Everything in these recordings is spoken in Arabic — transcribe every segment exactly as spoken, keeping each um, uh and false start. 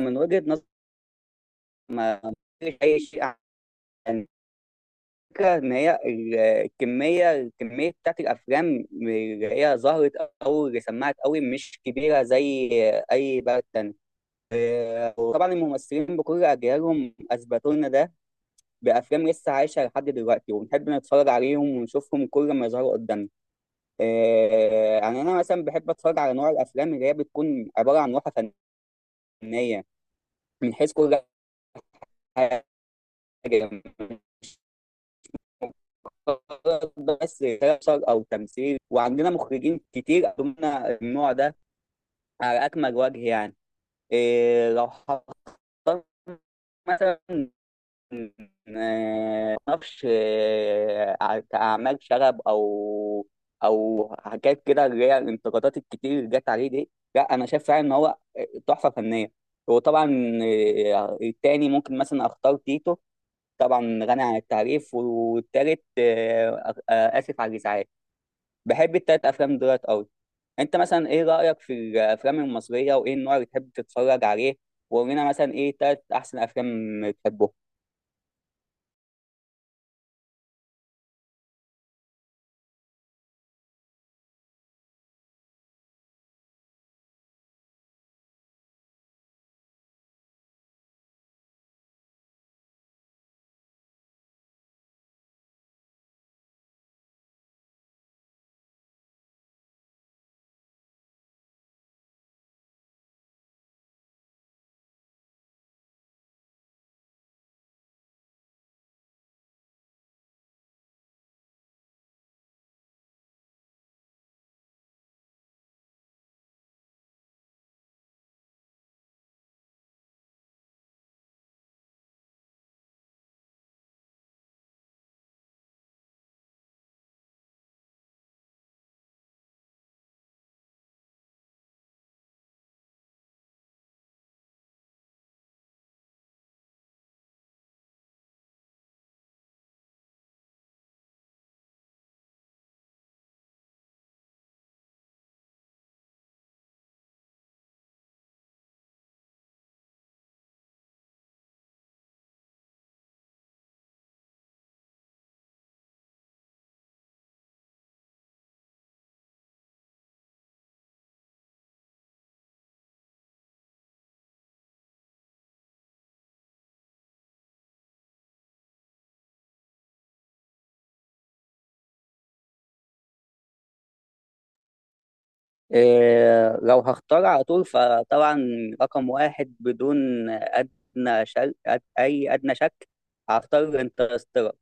من وجهة نظري ما فيش أي شيء عن الفكرة إن هي ال- الكمية الكمية بتاعت الأفلام اللي هي ظهرت أو اللي سمعت أوي مش كبيرة زي أي بلد تاني. وطبعا الممثلين بكل أجيالهم أثبتوا لنا ده بأفلام لسه عايشة لحد دلوقتي، وبنحب نتفرج عليهم ونشوفهم كل ما يظهروا قدامنا. آه، يعني أنا مثلا بحب أتفرج على نوع الأفلام اللي هي بتكون عبارة عن لوحة فنية من حيث كل حاجة، بس بشر او تمثيل، وعندنا مخرجين كتير قدموا لنا النوع ده على اكمل وجه يعني. إيه لو حطيت مثلا، آه، معرفش، آه، ع- كأعمال شغب أو أو حاجات كده، اللي هي الانتقادات الكتير اللي جت عليه دي، لا أنا شايف فعلا إن هو تحفة فنية. وطبعا آه، التاني ممكن مثلا أختار تيتو، طبعا غني عن التعريف. والتالت آه، آه، آسف على الإزعاج، بحب التلات افلام دولت قوي. انت مثلا ايه رايك في الافلام المصريه، وايه النوع اللي تحب تتفرج عليه؟ وقولنا مثلا ايه تلات احسن افلام بتحبه. إيه، لو هختار على طول فطبعا رقم واحد بدون ادنى شك، أد... اي ادنى شك، هختار انترستيلر.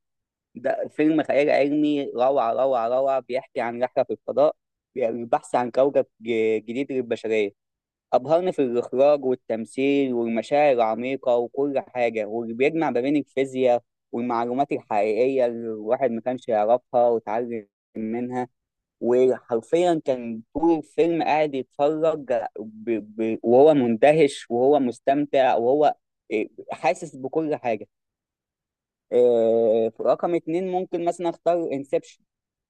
ده فيلم خيال علمي، روعه روعه روعه. بيحكي عن رحله في الفضاء، بي- البحث عن كوكب ج- جديد للبشريه. أبهرني في الإخراج والتمثيل والمشاعر العميقة وكل حاجة، واللي بيجمع ما بين الفيزياء والمعلومات الحقيقية اللي الواحد ما كانش يعرفها وتعلم منها. وحرفيا كان طول الفيلم قاعد يتفرج، ب... ب... وهو مندهش وهو مستمتع وهو إيه، حاسس بكل حاجة. آه، رقم اتنين ممكن مثلا اختار انسبشن.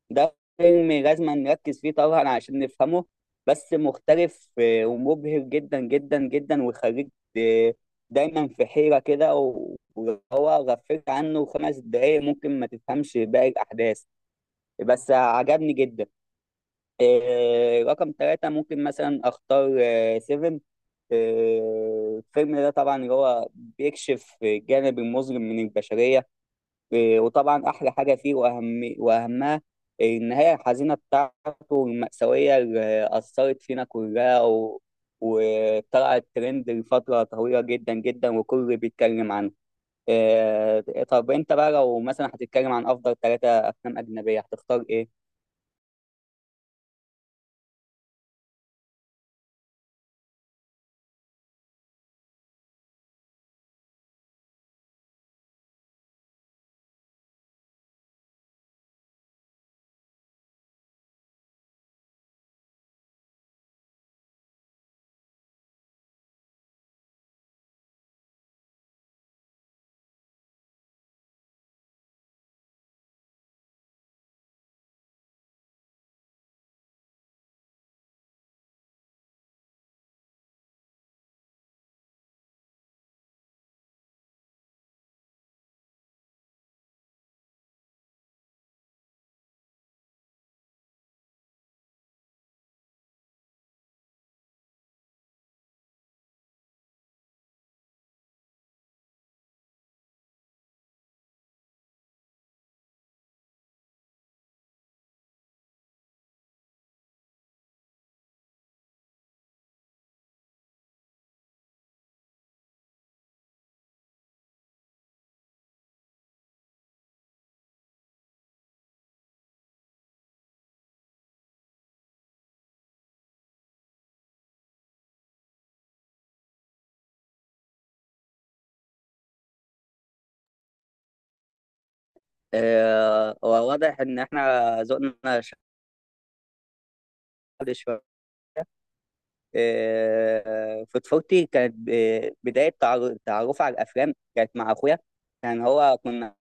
ده فيلم لازم نركز فيه طبعا عشان نفهمه، بس مختلف آه، ومبهر جدا جدا جدا، ويخليك د- دايما في حيرة كده، و- وهو غفلت عنه خمس دقايق ممكن ما تفهمش باقي الأحداث، بس عجبني جدا. آه، رقم ثلاثة ممكن مثلا أختار آه، سيفن. آه، الفيلم ده طبعا اللي هو بيكشف الجانب المظلم من البشرية. إيه، وطبعا احلى حاجه فيه واهم واهمها النهايه الحزينه بتاعته المأساويه اللي اثرت فينا كلها و... وطلعت ترند لفتره طويله جدا جدا وكل بيتكلم عنه. إيه، طب انت بقى لو مثلا هتتكلم عن افضل ثلاثه افلام اجنبيه هتختار ايه؟ إيه، هو واضح ان احنا ذوقنا شاذ شويه. في طفولتي كانت ب- بداية تعر- تعرفي على الأفلام كانت مع أخويا. كان هو، كنا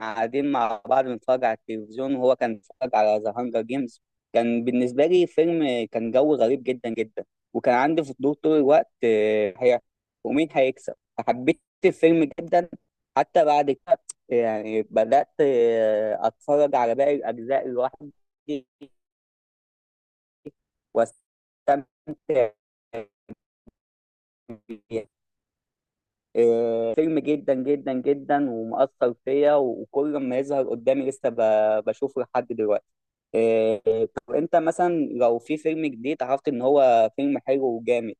قاعدين مع بعض بنتفرج على التلفزيون وهو كان بيتفرج على ذا هانجر جيمز. كان بالنسبة لي فيلم كان جو غريب جدا جدا، وكان عندي فضول طول الوقت، آه، هي ومين هيكسب، فحبيت الفيلم جدا. حتى بعد كده يعني بدأت آه، أتفرج على باقي الأجزاء لوحدي واستمتع. آه، فيلم جدا جدا جدا ومؤثر فيا، وكل ما يظهر قدامي لسه ب- بشوفه لحد دلوقتي. آه، طب انت مثلا لو في فيلم جديد عرفت ان هو فيلم حلو وجامد،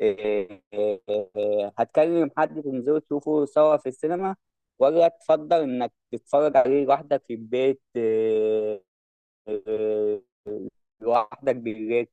آه، آه، آه، هتكلم حد تنزلوا تشوفوا سوا في السينما، ولا تفضل انك تتفرج عليه لوحدك في البيت؟ آه، آه، لوحدك بالليل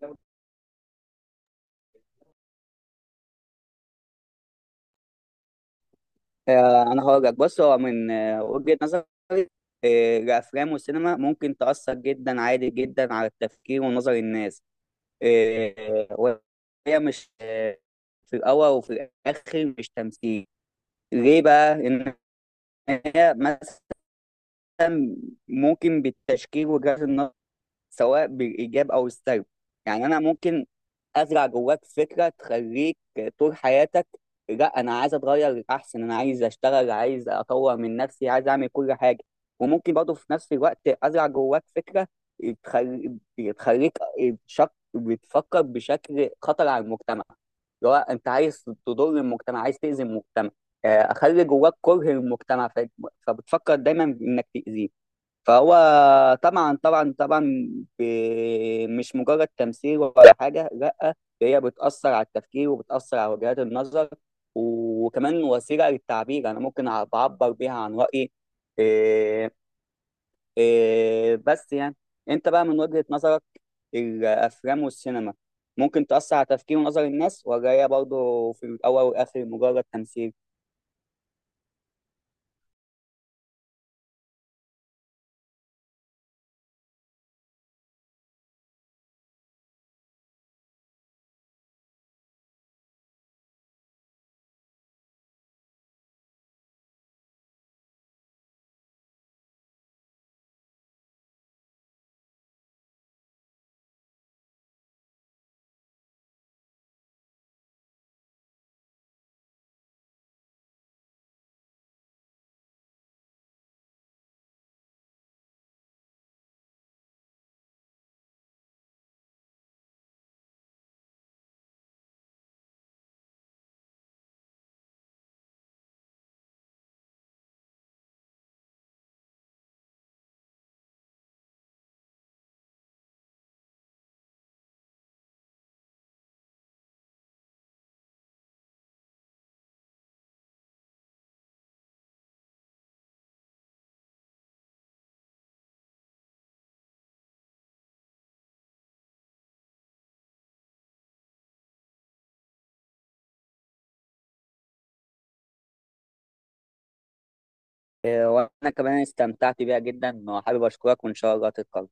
كده؟ آه، انا هقول لك. بص هو من آه، وجهة نظري، آه، الافلام والسينما ممكن تاثر جدا عادي جدا على التفكير ونظر الناس. آه، وهي مش آه، في الاول وفي الاخر مش تمثيل. ليه بقى؟ ان هي مثلا ممكن بالتشكيل وجهات النظر، سواء بالإيجاب أو السلب. يعني أنا ممكن أزرع جواك فكرة تخليك طول حياتك، لا أنا عايز أتغير للأحسن، أنا عايز أشتغل، عايز أطور من نفسي، عايز أعمل كل حاجة. وممكن برضه في نفس الوقت أزرع جواك فكرة تخلي- تخليك شك... بتفكر بشكل خطر على المجتمع، اللي هو انت عايز تضر المجتمع، عايز تأذي المجتمع. آه، اخلي جواك كره المجتمع، ف- فبتفكر دايما انك تأذيه. فهو طبعا طبعا طبعا، ب- مش مجرد تمثيل ولا حاجة، لا. هي بتأثر على التفكير، وبتأثر على وجهات النظر، وكمان وسيلة للتعبير، أنا ممكن أع- بعبر بيها عن رأيي. إيه. إيه، بس يعني أنت بقى من وجهة نظرك، الأفلام والسينما ممكن تأثر على تفكير ونظر الناس، ولا هي برضه في الأول والآخر مجرد تمثيل؟ إيه، وأنا كمان استمتعت بيها جدا، وحابب أشكرك، وإن شاء الله تتكرر.